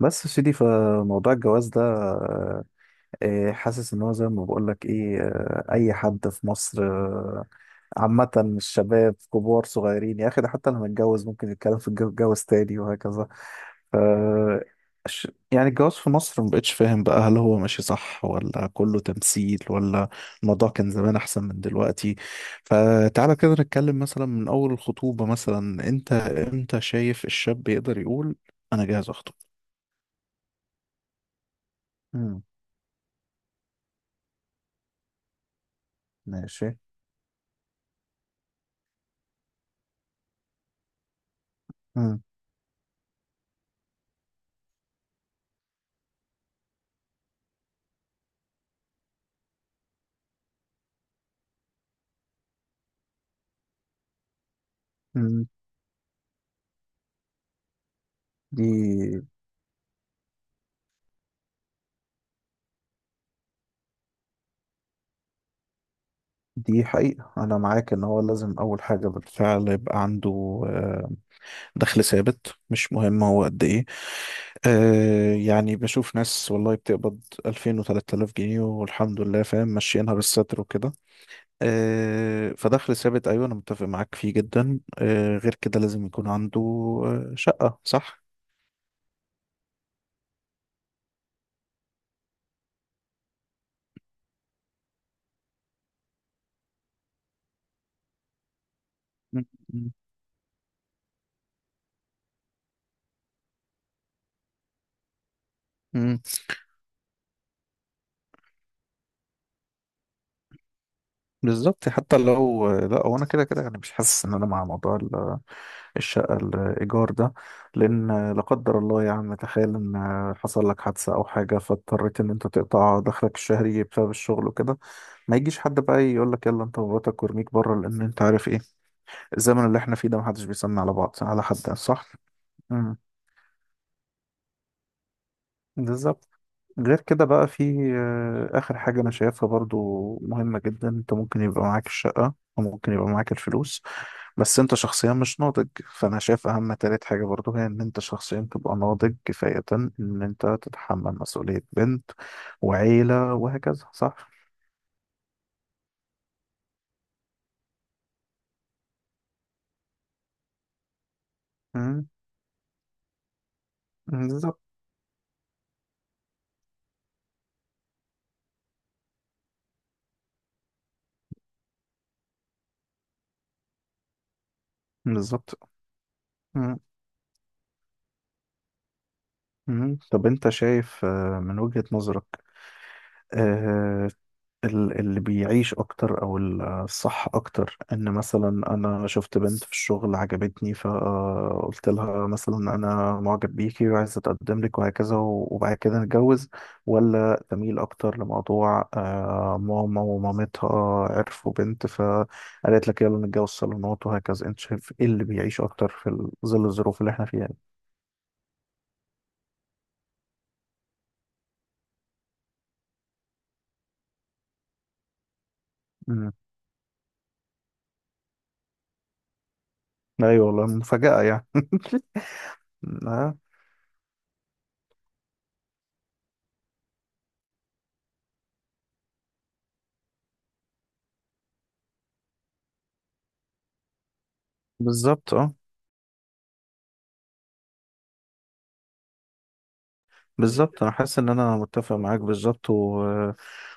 بس يا سيدي، فموضوع الجواز ده، حاسس ان هو زي ما بقول لك ايه، اي حد في مصر. عامة الشباب كبار صغيرين يا اخي، ده حتى لما اتجوز ممكن يتكلم في الجواز تاني وهكذا. ف يعني الجواز في مصر مبقتش فاهم بقى، هل هو ماشي صح، ولا كله تمثيل، ولا الموضوع كان زمان احسن من دلوقتي؟ فتعالى كده نتكلم مثلا من اول الخطوبة. مثلا انت امتى شايف الشاب يقدر يقول انا جاهز اخطب؟ ماشي. مم. مم. دي دي حقيقة، أنا معاك إن هو لازم أول حاجة بالفعل يبقى عنده آه، دخل ثابت، مش مهم هو قد إيه. يعني بشوف ناس والله بتقبض 2000 و3000 جنيه، والحمد لله فاهم ماشيينها بالستر وكده. فدخل ثابت أيوه، أنا متفق معاك فيه جدا. غير كده لازم يكون عنده شقة، صح؟ مم. مم. بالظبط. حتى لو لا، هو انا كده كده يعني مش حاسس ان انا مع موضوع الشقه الايجار ده، لان لا قدر الله يا عم، تخيل ان حصل لك حادثه او حاجه فاضطريت ان انت تقطع دخلك الشهري بسبب الشغل وكده، ما يجيش حد بقى يقول لك يلا انت ومراتك، وارميك بره، لان انت عارف ايه الزمن اللي احنا فيه ده، محدش بيسمع على بعض، على حد صح. امم بالظبط. غير كده بقى في آخر حاجة أنا شايفها برضو مهمة جدا. أنت ممكن يبقى معاك الشقة، وممكن يبقى معاك الفلوس، بس انت شخصيا مش ناضج. فانا شايف اهم تالت حاجة برضو هي ان انت شخصيا تبقى ناضج كفاية ان انت تتحمل مسؤولية بنت وعيلة وهكذا، صح. مم، بالظبط. بالظبط. مم. مم. طب انت شايف من وجهة نظرك، آه، اللي بيعيش اكتر، او الصح اكتر، ان مثلا انا شفت بنت في الشغل عجبتني فقلت لها مثلا انا معجب بيكي وعايز اتقدم لك وهكذا، وبعد كده نتجوز، ولا تميل اكتر لموضوع ماما ومامتها عرفوا بنت فقالت لك يلا نتجوز صالونات وهكذا؟ انت شايف ايه اللي بيعيش اكتر في ظل الظروف اللي احنا فيها دي؟ مم. ايوه والله، مفاجأة يعني آه، بالظبط، اه. بالظبط، انا حاسس ان انا متفق معاك بالظبط.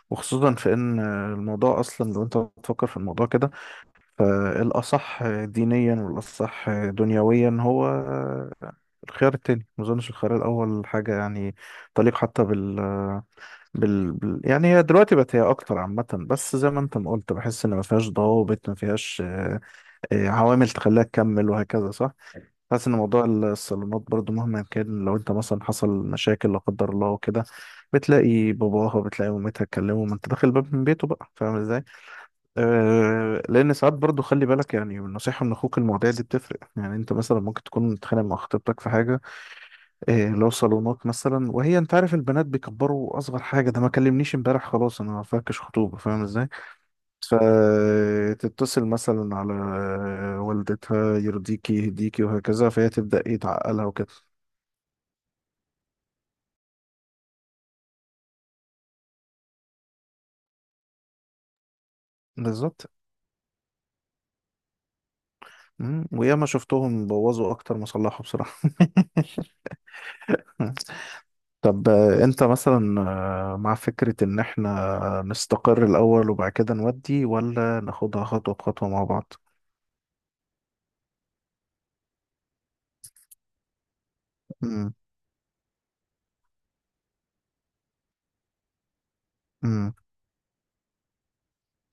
وخصوصا في ان الموضوع اصلا، لو انت بتفكر في الموضوع كده، فالاصح دينيا والاصح دنيويا هو الخيار التاني. ما اظنش الخيار الاول حاجه يعني تليق حتى بال... بال... بال يعني. هي دلوقتي بقت هي اكتر عامه، بس زي ما انت ما قلت، بحس ان ما فيهاش ضوابط، ما فيهاش عوامل تخليها تكمل وهكذا، صح. حاسس ان موضوع الصالونات برضو مهما كان، لو انت مثلا حصل مشاكل لا قدر الله وكده، بتلاقي باباها، بتلاقي مامتها اتكلموا، ما انت داخل باب من بيته بقى. فاهم ازاي؟ آه، لان ساعات برضو خلي بالك يعني، النصيحه من اخوك، المواضيع دي بتفرق يعني. انت مثلا ممكن تكون متخانق مع خطيبتك في حاجه، آه، لو صالونات مثلا، وهي انت عارف البنات بيكبروا، اصغر حاجه ده ما كلمنيش امبارح، خلاص انا ما فاكش خطوبه. فاهم ازاي؟ فتتصل مثلا على والدتها، يرضيكي يهديكي وهكذا، فهي تبدا ايه تعقلها وكده. بالظبط. مم. وياما شفتهم بوظوا اكتر ما صلحوا بصراحة طب انت مثلا مع فكرة ان احنا نستقر الاول وبعد كده نودي، ولا ناخدها خطوة بخطوة مع بعض؟ مم. مم.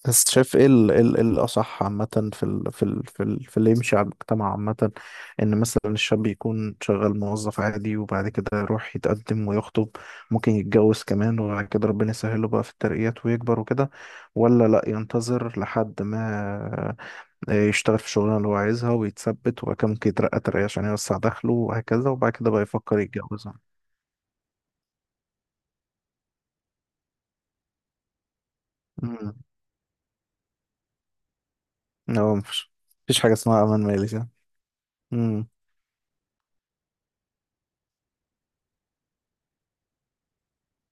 بس شايف ايه إيه إيه الأصح عامة، في اللي يمشي على المجتمع عامة؟ إن مثلا الشاب يكون شغال موظف عادي وبعد كده يروح يتقدم ويخطب، ممكن يتجوز كمان، وبعد كده ربنا يسهله بقى في الترقيات ويكبر وكده، ولا لأ ينتظر لحد ما يشتغل في الشغلانة اللي هو عايزها ويتثبت، وبعد كده ممكن يترقى ترقية عشان يوسع دخله وهكذا، وبعد كده بقى يفكر يتجوز؟ مم. لا، مفيش حاجة اسمها أمان مالي، صح؟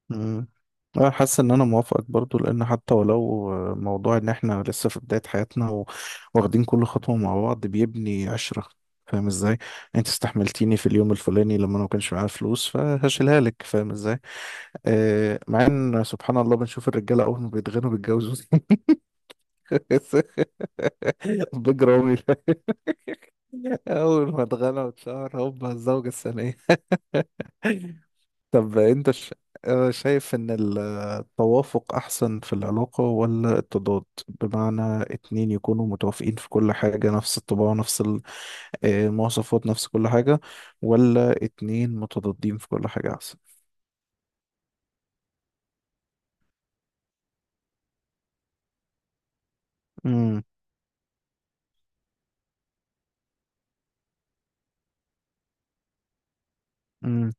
مم. أنا حاسس إن أنا موافقك برضو، لأن حتى ولو موضوع إن إحنا لسه في بداية حياتنا، واخدين كل خطوة مع بعض بيبني عشرة. فاهم إزاي؟ أنت استحملتيني في اليوم الفلاني لما أنا ما كانش معايا فلوس، فهشيلها لك. فاهم إزاي؟ آه، مع إن سبحان الله بنشوف الرجالة أول ما بيتغنوا بيتجوزوا بجرامي، أول ما اتغنى واتشهر، هوبا الزوجة الثانية. طب انت ش... آه، شايف ان التوافق احسن في العلاقة، ولا التضاد؟ بمعنى اتنين يكونوا متوافقين في كل حاجة، نفس الطباع، نفس المواصفات، نفس كل حاجة، ولا اتنين متضادين في كل حاجة احسن؟ امم. امم.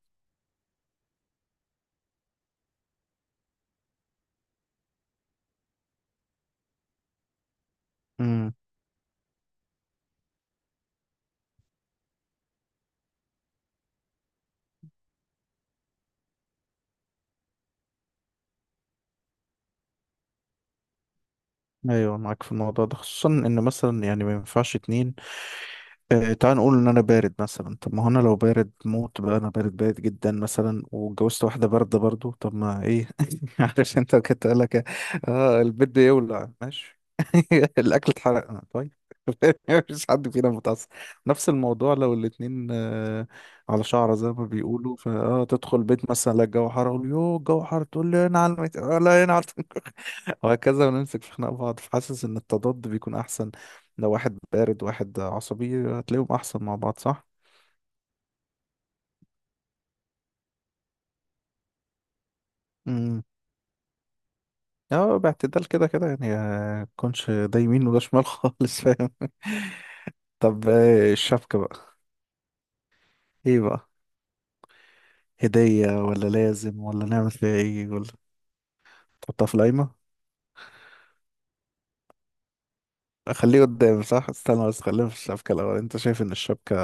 امم. ايوه، معاك في الموضوع ده، خصوصا ان مثلا يعني ما ينفعش اتنين، تعال نقول ان انا بارد مثلا، طب ما هو انا لو بارد موت بقى، انا بارد بارد جدا مثلا، واتجوزت واحده بارده برضو، طب ما ايه عارف انت، كنت قال لك اه البيت بيولع، ماشي الاكل اتحرق، طيب مفيش حد فينا متعصب. نفس الموضوع لو الاتنين على شعره زي ما بيقولوا، فاه تدخل بيت مثلا، لا الجو حر، اقول يو الجو حر، تقول لي انا على الميت، لا انا على وهكذا، ونمسك في خناق بعض. فحاسس ان التضاد بيكون احسن. لو واحد بارد واحد عصبي، هتلاقيهم احسن مع بعض، صح. امم. اه، باعتدال كده كده يعني، كونش ده يمين وده شمال خالص، فاهم. طب الشبكة بقى ايه بقى، هدية ولا لازم، ولا نعمل فيها ايه، ولا تحطها في القايمة؟ خليه قدام، صح، استنى بس. خلينا في الشبكة الأول. أنت شايف إن الشبكة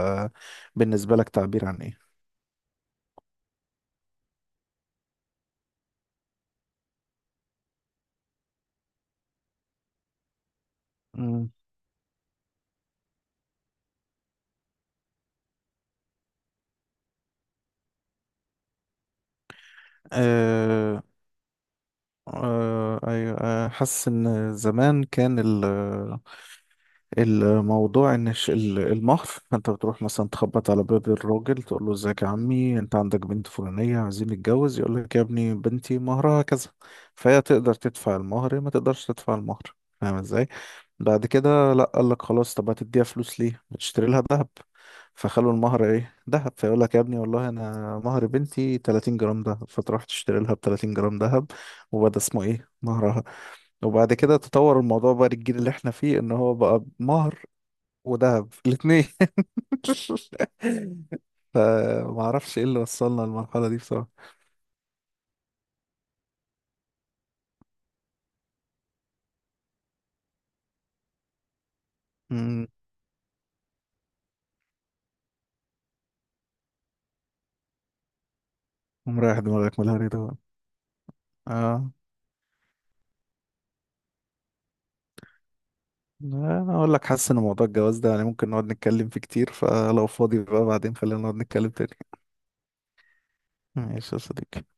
بالنسبة لك تعبير عن إيه؟ امم. أيوة، حاسس إن زمان كان الموضوع، إن المهر، أنت بتروح مثلا تخبط على باب الراجل، تقول له إزيك يا عمي، أنت عندك بنت فلانية، عايزين نتجوز، يقول لك يا ابني، بنتي مهرها كذا، فهي تقدر تدفع المهر، ما تقدرش تدفع المهر. فاهم إزاي؟ بعد كده لا، قال لك خلاص، طب هتديها فلوس ليه، اشتري لها ذهب. فخلوا المهر ايه، ذهب. فيقول لك يا ابني والله انا مهر بنتي 30 جرام ذهب، فتروح تشتري لها ب 30 جرام ذهب، وبدا اسمه ايه، مهرها. وبعد كده تطور الموضوع بقى للجيل اللي احنا فيه، ان هو بقى مهر وذهب الاثنين فما اعرفش ايه اللي وصلنا للمرحله دي بصراحه. امم. ومريح دماغك من الهري ده بقى. اه، انا اقول لك حاسس ان موضوع الجواز ده يعني ممكن نقعد نتكلم فيه كتير، فلو فاضي بقى بعدين خلينا نقعد نتكلم تاني. ماشي يا صديقي.